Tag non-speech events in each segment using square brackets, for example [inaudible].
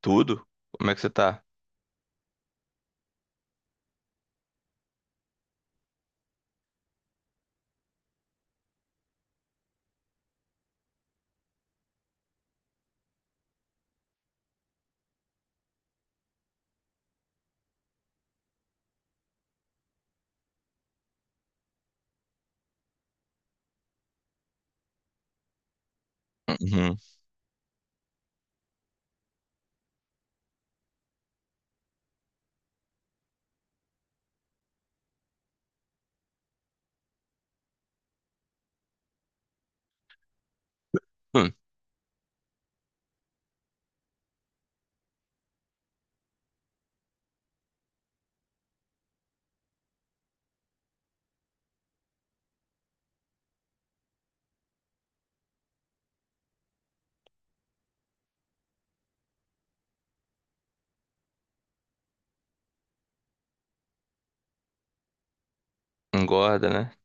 Tudo? Como é que você tá? Uhum. Hum, Engorda, né?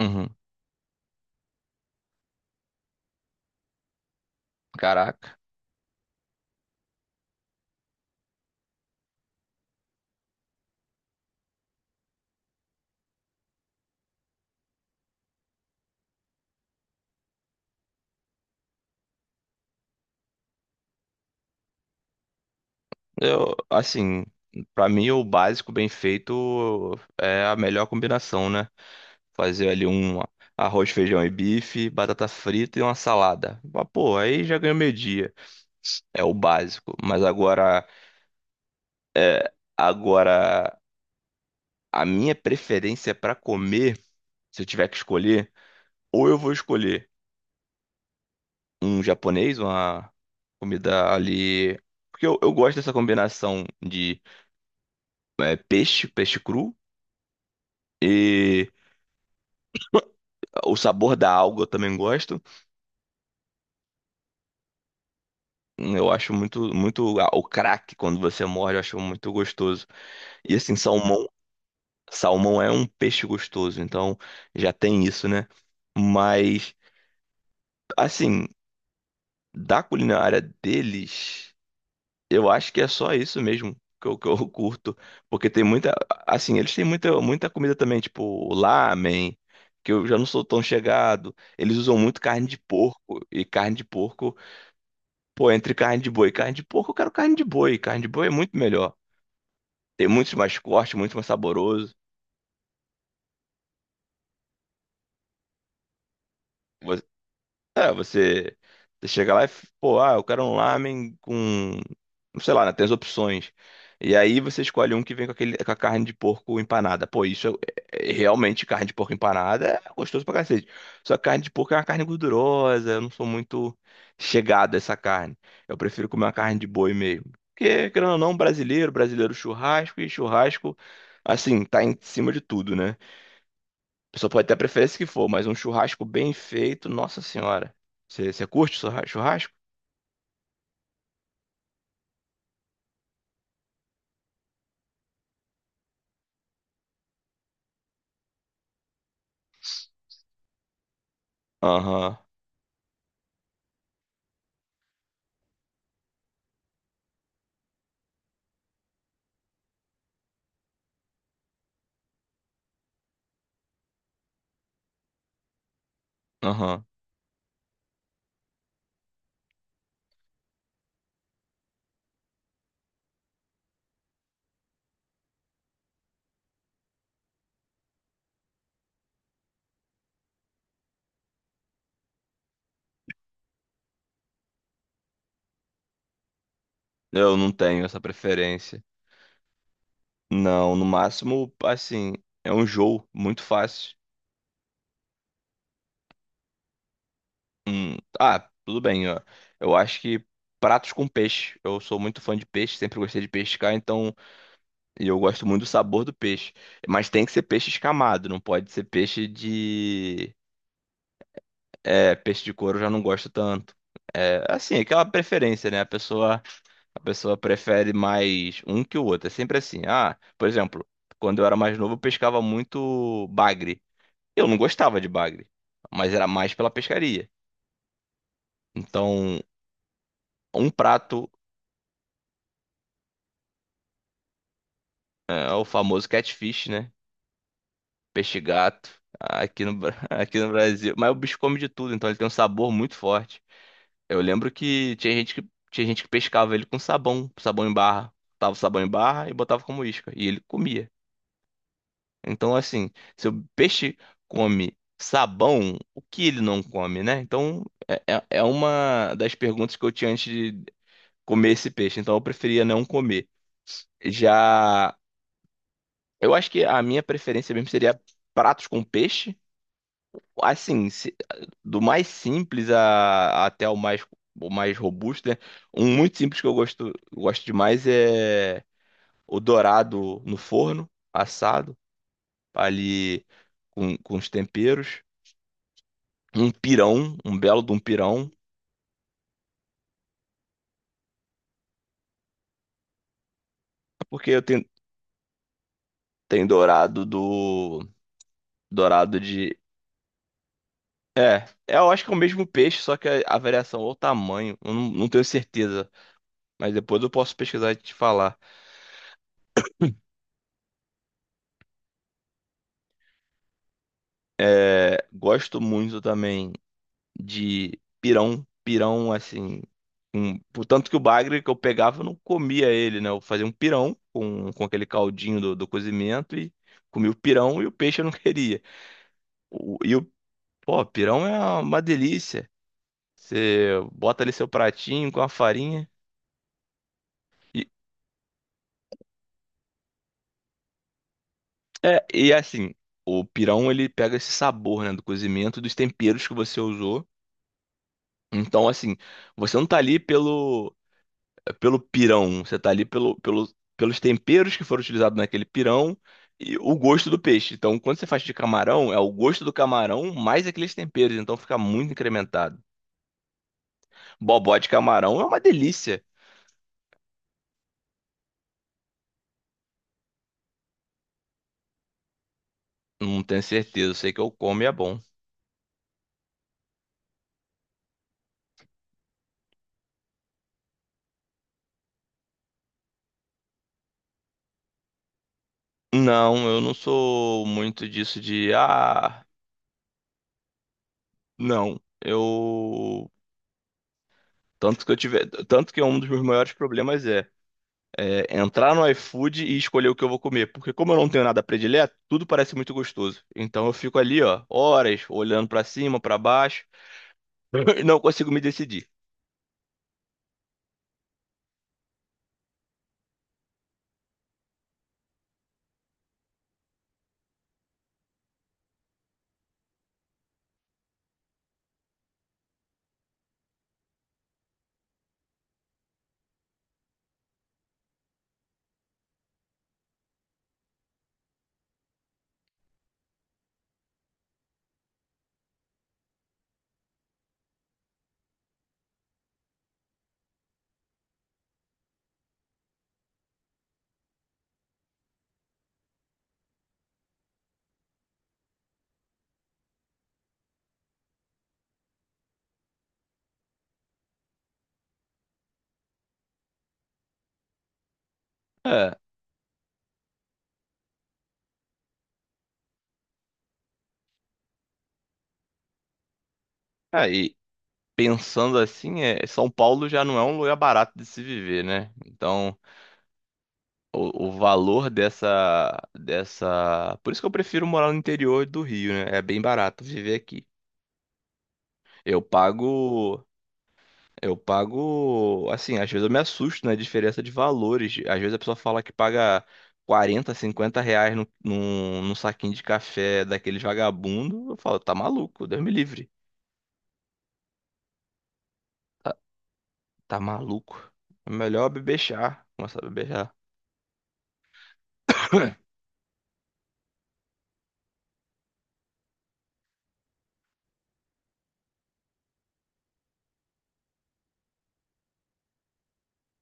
Uhum. Caraca. Eu, assim, pra mim o básico bem feito é a melhor combinação, né? Fazer ali um arroz, feijão e bife, batata frita e uma salada. Mas, pô, aí já ganhou meio-dia. É o básico. Mas agora, a minha preferência pra comer, se eu tiver que escolher, ou eu vou escolher um japonês, uma comida ali. Porque eu gosto dessa combinação de peixe cru, e o sabor da alga eu também gosto. Eu acho muito, muito. Ah, o craque, quando você morde, eu acho muito gostoso. E assim, salmão. Salmão é um peixe gostoso, então já tem isso, né? Mas, assim, da culinária deles. Eu acho que é só isso mesmo que eu [laughs] curto. Porque tem muita. Assim, eles têm muita, muita comida também, tipo lamen, que eu já não sou tão chegado. Eles usam muito carne de porco. E carne de porco, pô, entre carne de boi e carne de porco, eu quero carne de boi. Carne de boi é muito melhor. Tem muito mais corte, muito mais saboroso. É, você chega lá e, pô, eu quero um lamen com, sei lá, né, tem as opções. E aí você escolhe um que vem com aquele, com a carne de porco empanada. Pô, isso é realmente carne de porco empanada é gostoso pra cacete. Só que carne de porco é uma carne gordurosa, eu não sou muito chegado a essa carne. Eu prefiro comer uma carne de boi mesmo. Porque, querendo ou não, brasileiro churrasco e churrasco, assim, tá em cima de tudo, né? A pessoa pode ter a preferência que for, mas um churrasco bem feito, nossa senhora. Você curte churrasco? Aham, aham. Eu não tenho essa preferência. Não, no máximo, assim, é um jogo muito fácil. Ah, tudo bem, ó. Eu acho que pratos com peixe. Eu sou muito fã de peixe, sempre gostei de pescar, então. E eu gosto muito do sabor do peixe. Mas tem que ser peixe escamado, não pode ser peixe de. É, peixe de couro eu já não gosto tanto. É, assim, aquela preferência, né? A pessoa prefere mais um que o outro. É sempre assim. Ah, por exemplo, quando eu era mais novo, eu pescava muito bagre. Eu não gostava de bagre, mas era mais pela pescaria. Então, um prato é o famoso catfish, né? Peixe gato, aqui no, Bra- [laughs] aqui no Brasil. Mas o bicho come de tudo, então ele tem um sabor muito forte. Eu lembro que tinha gente que pescava ele com sabão, sabão em barra. Botava o sabão em barra e botava como isca. E ele comia. Então, assim, se o peixe come sabão, o que ele não come, né? Então, é uma das perguntas que eu tinha antes de comer esse peixe. Então, eu preferia não comer. Já, eu acho que a minha preferência mesmo seria pratos com peixe. Assim, do mais simples até o mais robusto, né? Um muito simples que eu gosto, gosto demais é o dourado no forno, assado, ali com, os temperos. Um pirão, um belo de um pirão, porque tem dourado do. Dourado de. É, eu acho que é o mesmo peixe, só que a variação ou o tamanho, eu não tenho certeza. Mas depois eu posso pesquisar e te falar. É, gosto muito também de pirão. Pirão, assim. Um, Tanto que o bagre que eu pegava, eu não comia ele, né? Eu fazia um pirão com, aquele caldinho do cozimento e comia o pirão e o peixe eu não [laughs] queria. O, e o, Pô, pirão é uma delícia. Você bota ali seu pratinho com a farinha. E, e assim, o pirão ele pega esse sabor, né, do cozimento dos temperos que você usou. Então, assim, você não tá ali pelo pirão, você tá ali pelos temperos que foram utilizados naquele pirão e o gosto do peixe. Então, quando você faz de camarão, é o gosto do camarão mais aqueles temperos, então fica muito incrementado. Bobó de camarão é uma delícia. Não tenho certeza, sei que eu como e é bom. Não, eu não sou muito disso de não. Eu tanto que é um dos meus maiores problemas é entrar no iFood e escolher o que eu vou comer, porque como eu não tenho nada predileto, tudo parece muito gostoso. Então eu fico ali, ó, horas olhando pra cima, pra baixo, [laughs] e não consigo me decidir. É, aí pensando assim, São Paulo já não é um lugar barato de se viver, né? Então, o valor dessa. Por isso que eu prefiro morar no interior do Rio, né? É bem barato viver aqui. Eu pago. Eu pago. Assim, às vezes eu me assusto na diferença de valores. Às vezes a pessoa fala que paga 40, 50 reais num saquinho de café daqueles vagabundo. Eu falo, tá maluco, Deus me livre. Tá maluco. É melhor beber chá. Começar a beber chá. [laughs]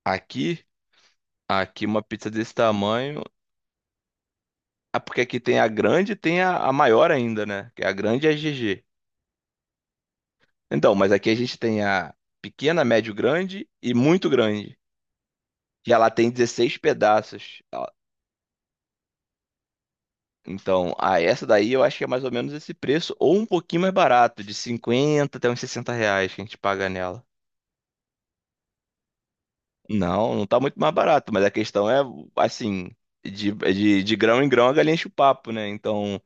Aqui, aqui, uma pizza desse tamanho. Ah, porque aqui tem a grande e tem a maior ainda, né? Que é a grande é GG. Então, mas aqui a gente tem a pequena, médio, grande e muito grande. E ela tem 16 pedaços. Então, ah, essa daí eu acho que é mais ou menos esse preço, ou um pouquinho mais barato, de 50 até uns 60 reais que a gente paga nela. Não, não tá muito mais barato, mas a questão é, assim, de grão em grão a galinha enche o papo, né? Então,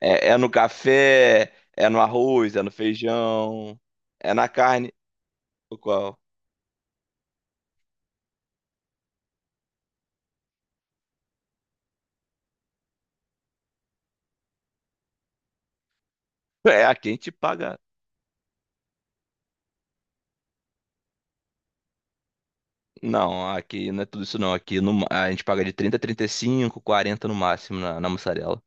é no café, é no arroz, é no feijão, é na carne. O qual? É, aqui a gente paga. Não, aqui não é tudo isso não. Aqui a gente paga de 30 a 35, 40 no máximo na mussarela.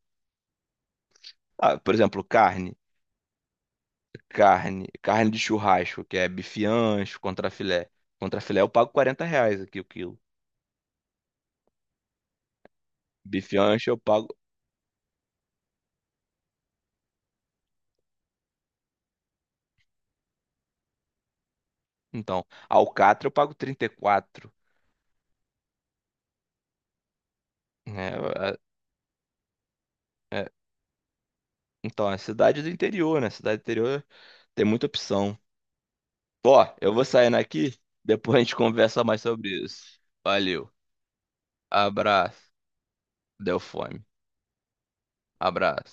Ah, por exemplo, carne. Carne. Carne de churrasco, que é bife ancho, contrafilé. Contrafilé eu pago 40 reais aqui o quilo. Bife ancho eu pago. Então, alcatra eu pago 34. É, é, é. Então, é cidade do interior, né? Cidade do interior tem muita opção. Ó, eu vou saindo aqui, depois a gente conversa mais sobre isso. Valeu. Abraço. Deu fome. Abraço.